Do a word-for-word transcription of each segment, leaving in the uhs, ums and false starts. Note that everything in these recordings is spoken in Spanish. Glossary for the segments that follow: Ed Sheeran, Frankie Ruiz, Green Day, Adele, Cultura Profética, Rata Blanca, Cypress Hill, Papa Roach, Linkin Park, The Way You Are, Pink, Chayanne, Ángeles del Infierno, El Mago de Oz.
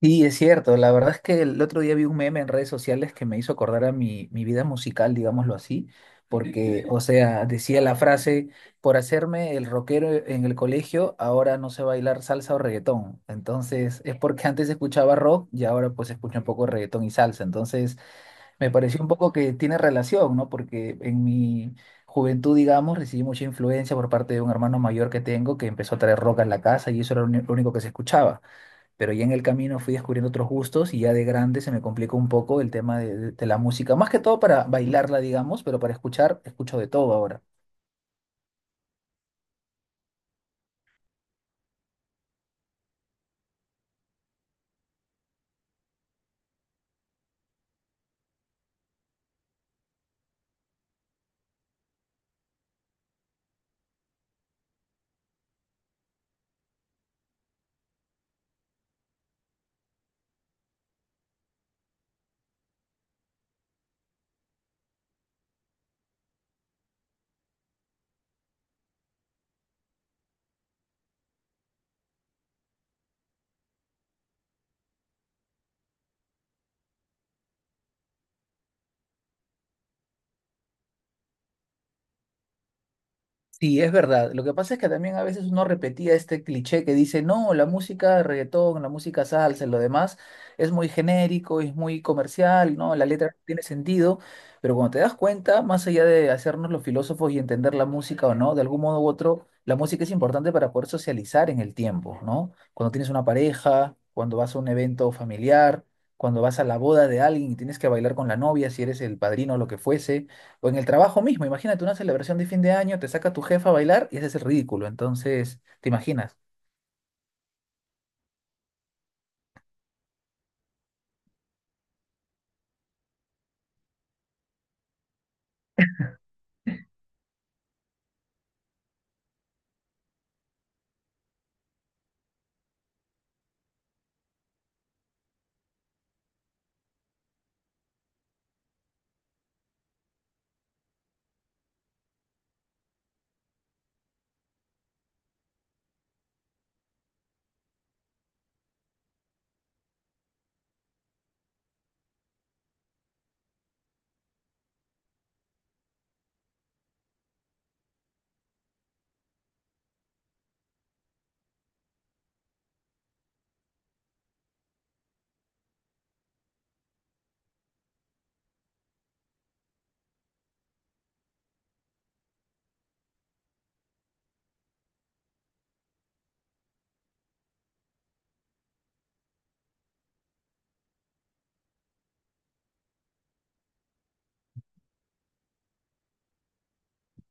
Sí, es cierto. La verdad es que el otro día vi un meme en redes sociales que me hizo acordar a mi, mi vida musical, digámoslo así, porque, o sea, decía la frase, por hacerme el rockero en el colegio, ahora no sé bailar salsa o reggaetón. Entonces, es porque antes escuchaba rock y ahora pues escucho un poco de reggaetón y salsa. Entonces, me pareció un poco que tiene relación, ¿no? Porque en mi juventud, digamos, recibí mucha influencia por parte de un hermano mayor que tengo que empezó a traer rock a la casa y eso era lo uni- lo único que se escuchaba, pero ya en el camino fui descubriendo otros gustos y ya de grande se me complicó un poco el tema de, de- de la música, más que todo para bailarla, digamos, pero para escuchar, escucho de todo ahora. Sí, es verdad. Lo que pasa es que también a veces uno repetía este cliché que dice, no, la música de reggaetón, la música salsa, lo demás es muy genérico, es muy comercial, ¿no? La letra no tiene sentido, pero cuando te das cuenta, más allá de hacernos los filósofos y entender la música o no, de algún modo u otro, la música es importante para poder socializar en el tiempo, ¿no? Cuando tienes una pareja, cuando vas a un evento familiar, cuando vas a la boda de alguien y tienes que bailar con la novia, si eres el padrino o lo que fuese. O en el trabajo mismo, imagínate una celebración de fin de año, te saca tu jefa a bailar y ese es el ridículo. Entonces, ¿te imaginas?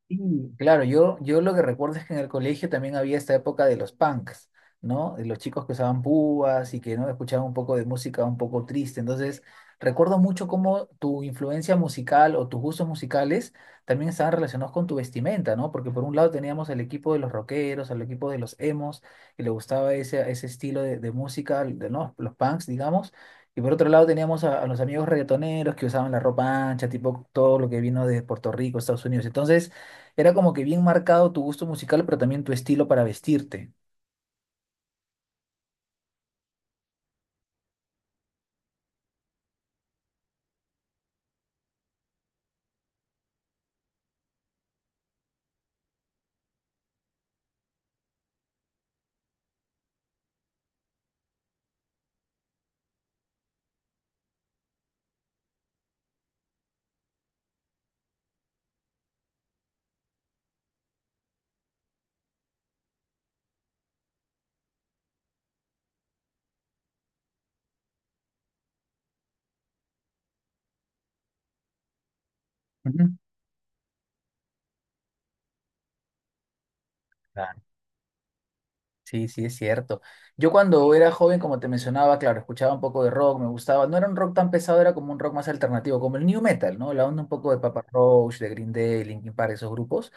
Sí, claro, yo, yo lo que recuerdo es que en el colegio también había esta época de los punks, ¿no? De los chicos que usaban púas y que no escuchaban un poco de música un poco triste. Entonces, recuerdo mucho cómo tu influencia musical o tus gustos musicales también estaban relacionados con tu vestimenta, ¿no? Porque por un lado teníamos el equipo de los rockeros, al equipo de los emos, que le gustaba ese, ese estilo de, de música, de, ¿no? Los punks, digamos. Y por otro lado teníamos a, a los amigos reggaetoneros que usaban la ropa ancha, tipo todo lo que vino de Puerto Rico, Estados Unidos. Entonces, era como que bien marcado tu gusto musical, pero también tu estilo para vestirte. Ujú. Claro. Sí, sí, es cierto. Yo cuando era joven, como te mencionaba, claro, escuchaba un poco de rock, me gustaba. No era un rock tan pesado, era como un rock más alternativo, como el new metal, ¿no? La onda un poco de Papa Roach, de Green Day, Linkin Park, esos grupos.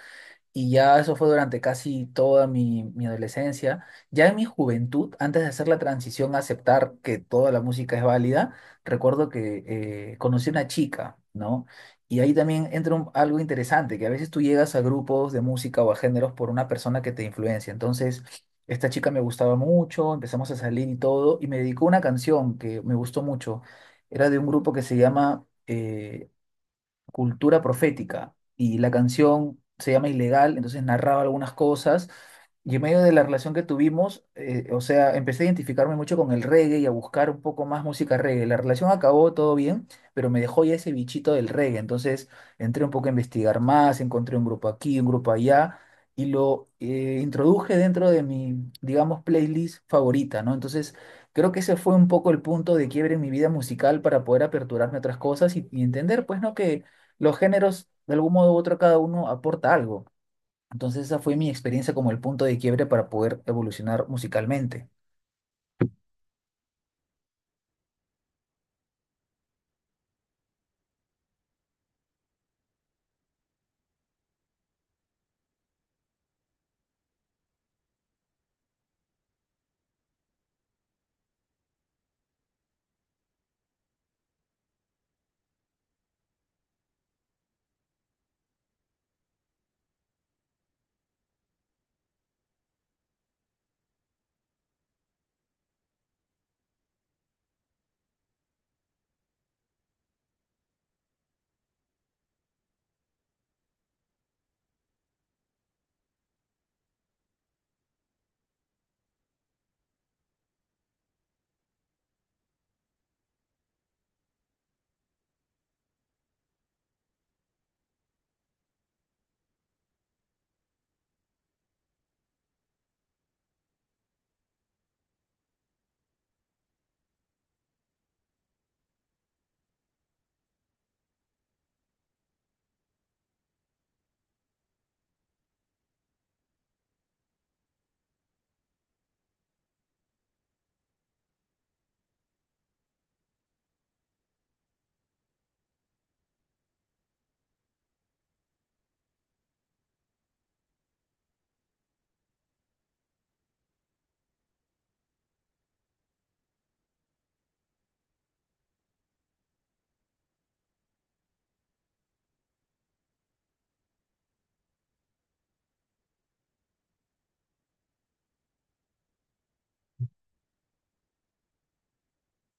Y ya eso fue durante casi toda mi, mi adolescencia. Ya en mi juventud, antes de hacer la transición a aceptar que toda la música es válida, recuerdo que eh, conocí una chica, ¿no? Y ahí también entra un- algo interesante, que a veces tú llegas a grupos de música o a géneros por una persona que te influencia. Entonces, esta chica me gustaba mucho, empezamos a salir y todo, y me dedicó una canción que me gustó mucho. Era de un grupo que se llama eh, Cultura Profética y la canción se llama Ilegal, entonces narraba algunas cosas y en medio de la relación que tuvimos, eh, o sea, empecé a identificarme mucho con el reggae y a buscar un poco más música reggae. La relación acabó todo bien, pero me dejó ya ese bichito del reggae, entonces entré un poco a investigar más, encontré un grupo aquí, un grupo allá. Y lo eh, introduje dentro de mi, digamos, playlist favorita, ¿no? Entonces, creo que ese fue un poco el punto de quiebre en mi vida musical para poder aperturarme a otras cosas y, y entender, pues, ¿no? Que los géneros, de algún modo u otro, cada uno aporta algo. Entonces esa fue mi experiencia como el punto de quiebre para poder evolucionar musicalmente.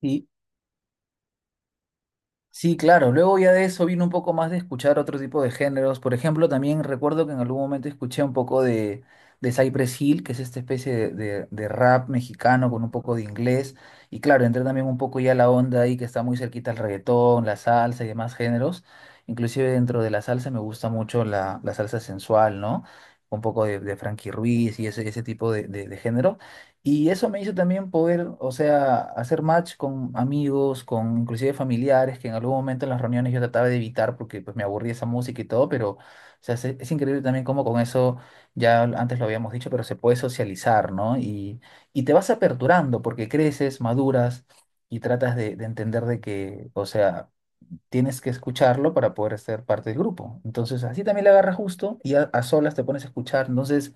Y sí, claro. Luego ya de eso vino un poco más de escuchar otro tipo de géneros. Por ejemplo, también recuerdo que en algún momento escuché un poco de, de Cypress Hill, que es esta especie de, de- de rap mexicano con un poco de inglés. Y claro, entré también un poco ya a la onda ahí que está muy cerquita al reggaetón, la salsa y demás géneros. Inclusive dentro de la salsa me gusta mucho la, la salsa sensual, ¿no? Un poco de, de Frankie Ruiz y ese, ese tipo de, de de género. Y eso me hizo también poder, o sea, hacer match con amigos, con inclusive familiares, que en algún momento en las reuniones yo trataba de evitar porque pues me aburría esa música y todo, pero o sea, es, es increíble también cómo con eso, ya antes lo habíamos dicho, pero se puede socializar, ¿no? Y, y te vas aperturando porque creces, maduras y tratas de, de entender de que, o sea, tienes que escucharlo para poder ser parte del grupo. Entonces, así también le agarras gusto y a, a solas te pones a escuchar. Entonces,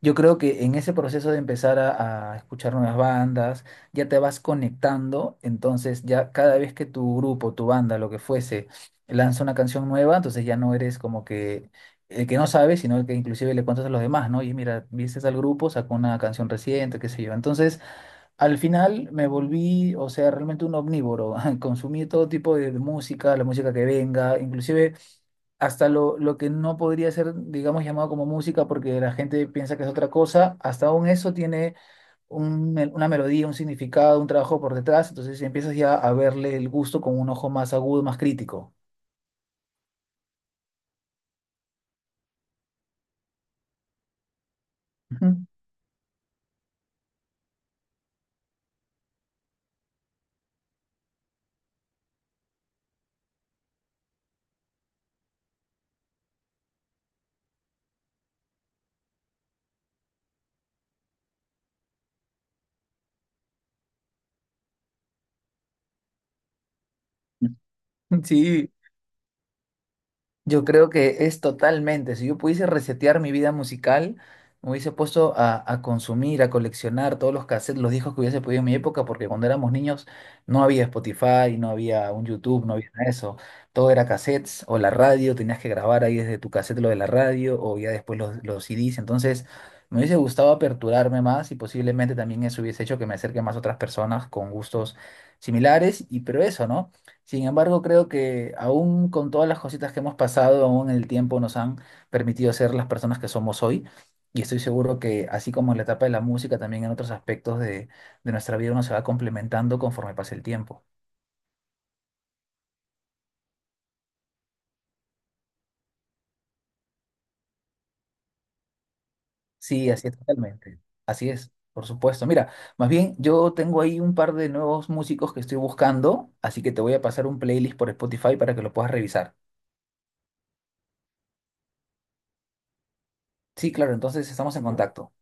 yo creo que en ese proceso de empezar a, a escuchar nuevas bandas, ya te vas conectando, entonces ya cada vez que tu grupo, tu banda, lo que fuese, lanza una canción nueva, entonces ya no eres como que el que no sabe, sino el que inclusive le cuentas a los demás, ¿no? Y mira, viste al grupo, sacó una canción reciente, qué sé yo. Entonces, al final me volví, o sea, realmente un omnívoro, consumí todo tipo de, de música, la música que venga, inclusive hasta lo, lo que no podría ser, digamos, llamado como música porque la gente piensa que es otra cosa, hasta aún eso tiene un mel- una melodía, un significado, un trabajo por detrás, entonces empiezas ya a verle el gusto con un ojo más agudo, más crítico. Ujú. Sí, yo creo que es totalmente. Si yo pudiese resetear mi vida musical, me hubiese puesto a, a consumir, a coleccionar todos los cassettes, los discos que hubiese podido en mi época, porque cuando éramos niños no había Spotify, no había un YouTube, no había nada de eso. Todo era cassettes o la radio, tenías que grabar ahí desde tu cassette lo de la radio o ya después los, los C Ds. Entonces, me hubiese gustado aperturarme más y posiblemente también eso hubiese hecho que me acerque más a otras personas con gustos similares. Y pero eso, ¿no? Sin embargo, creo que aún con todas las cositas que hemos pasado, aún el tiempo nos han permitido ser las personas que somos hoy. Y estoy seguro que así como en la etapa de la música, también en otros aspectos de, de nuestra vida uno se va complementando conforme pasa el tiempo. Sí, así es totalmente. Así es, por supuesto. Mira, más bien yo tengo ahí un par de nuevos músicos que estoy buscando, así que te voy a pasar un playlist por Spotify para que lo puedas revisar. Sí, claro, entonces estamos en contacto.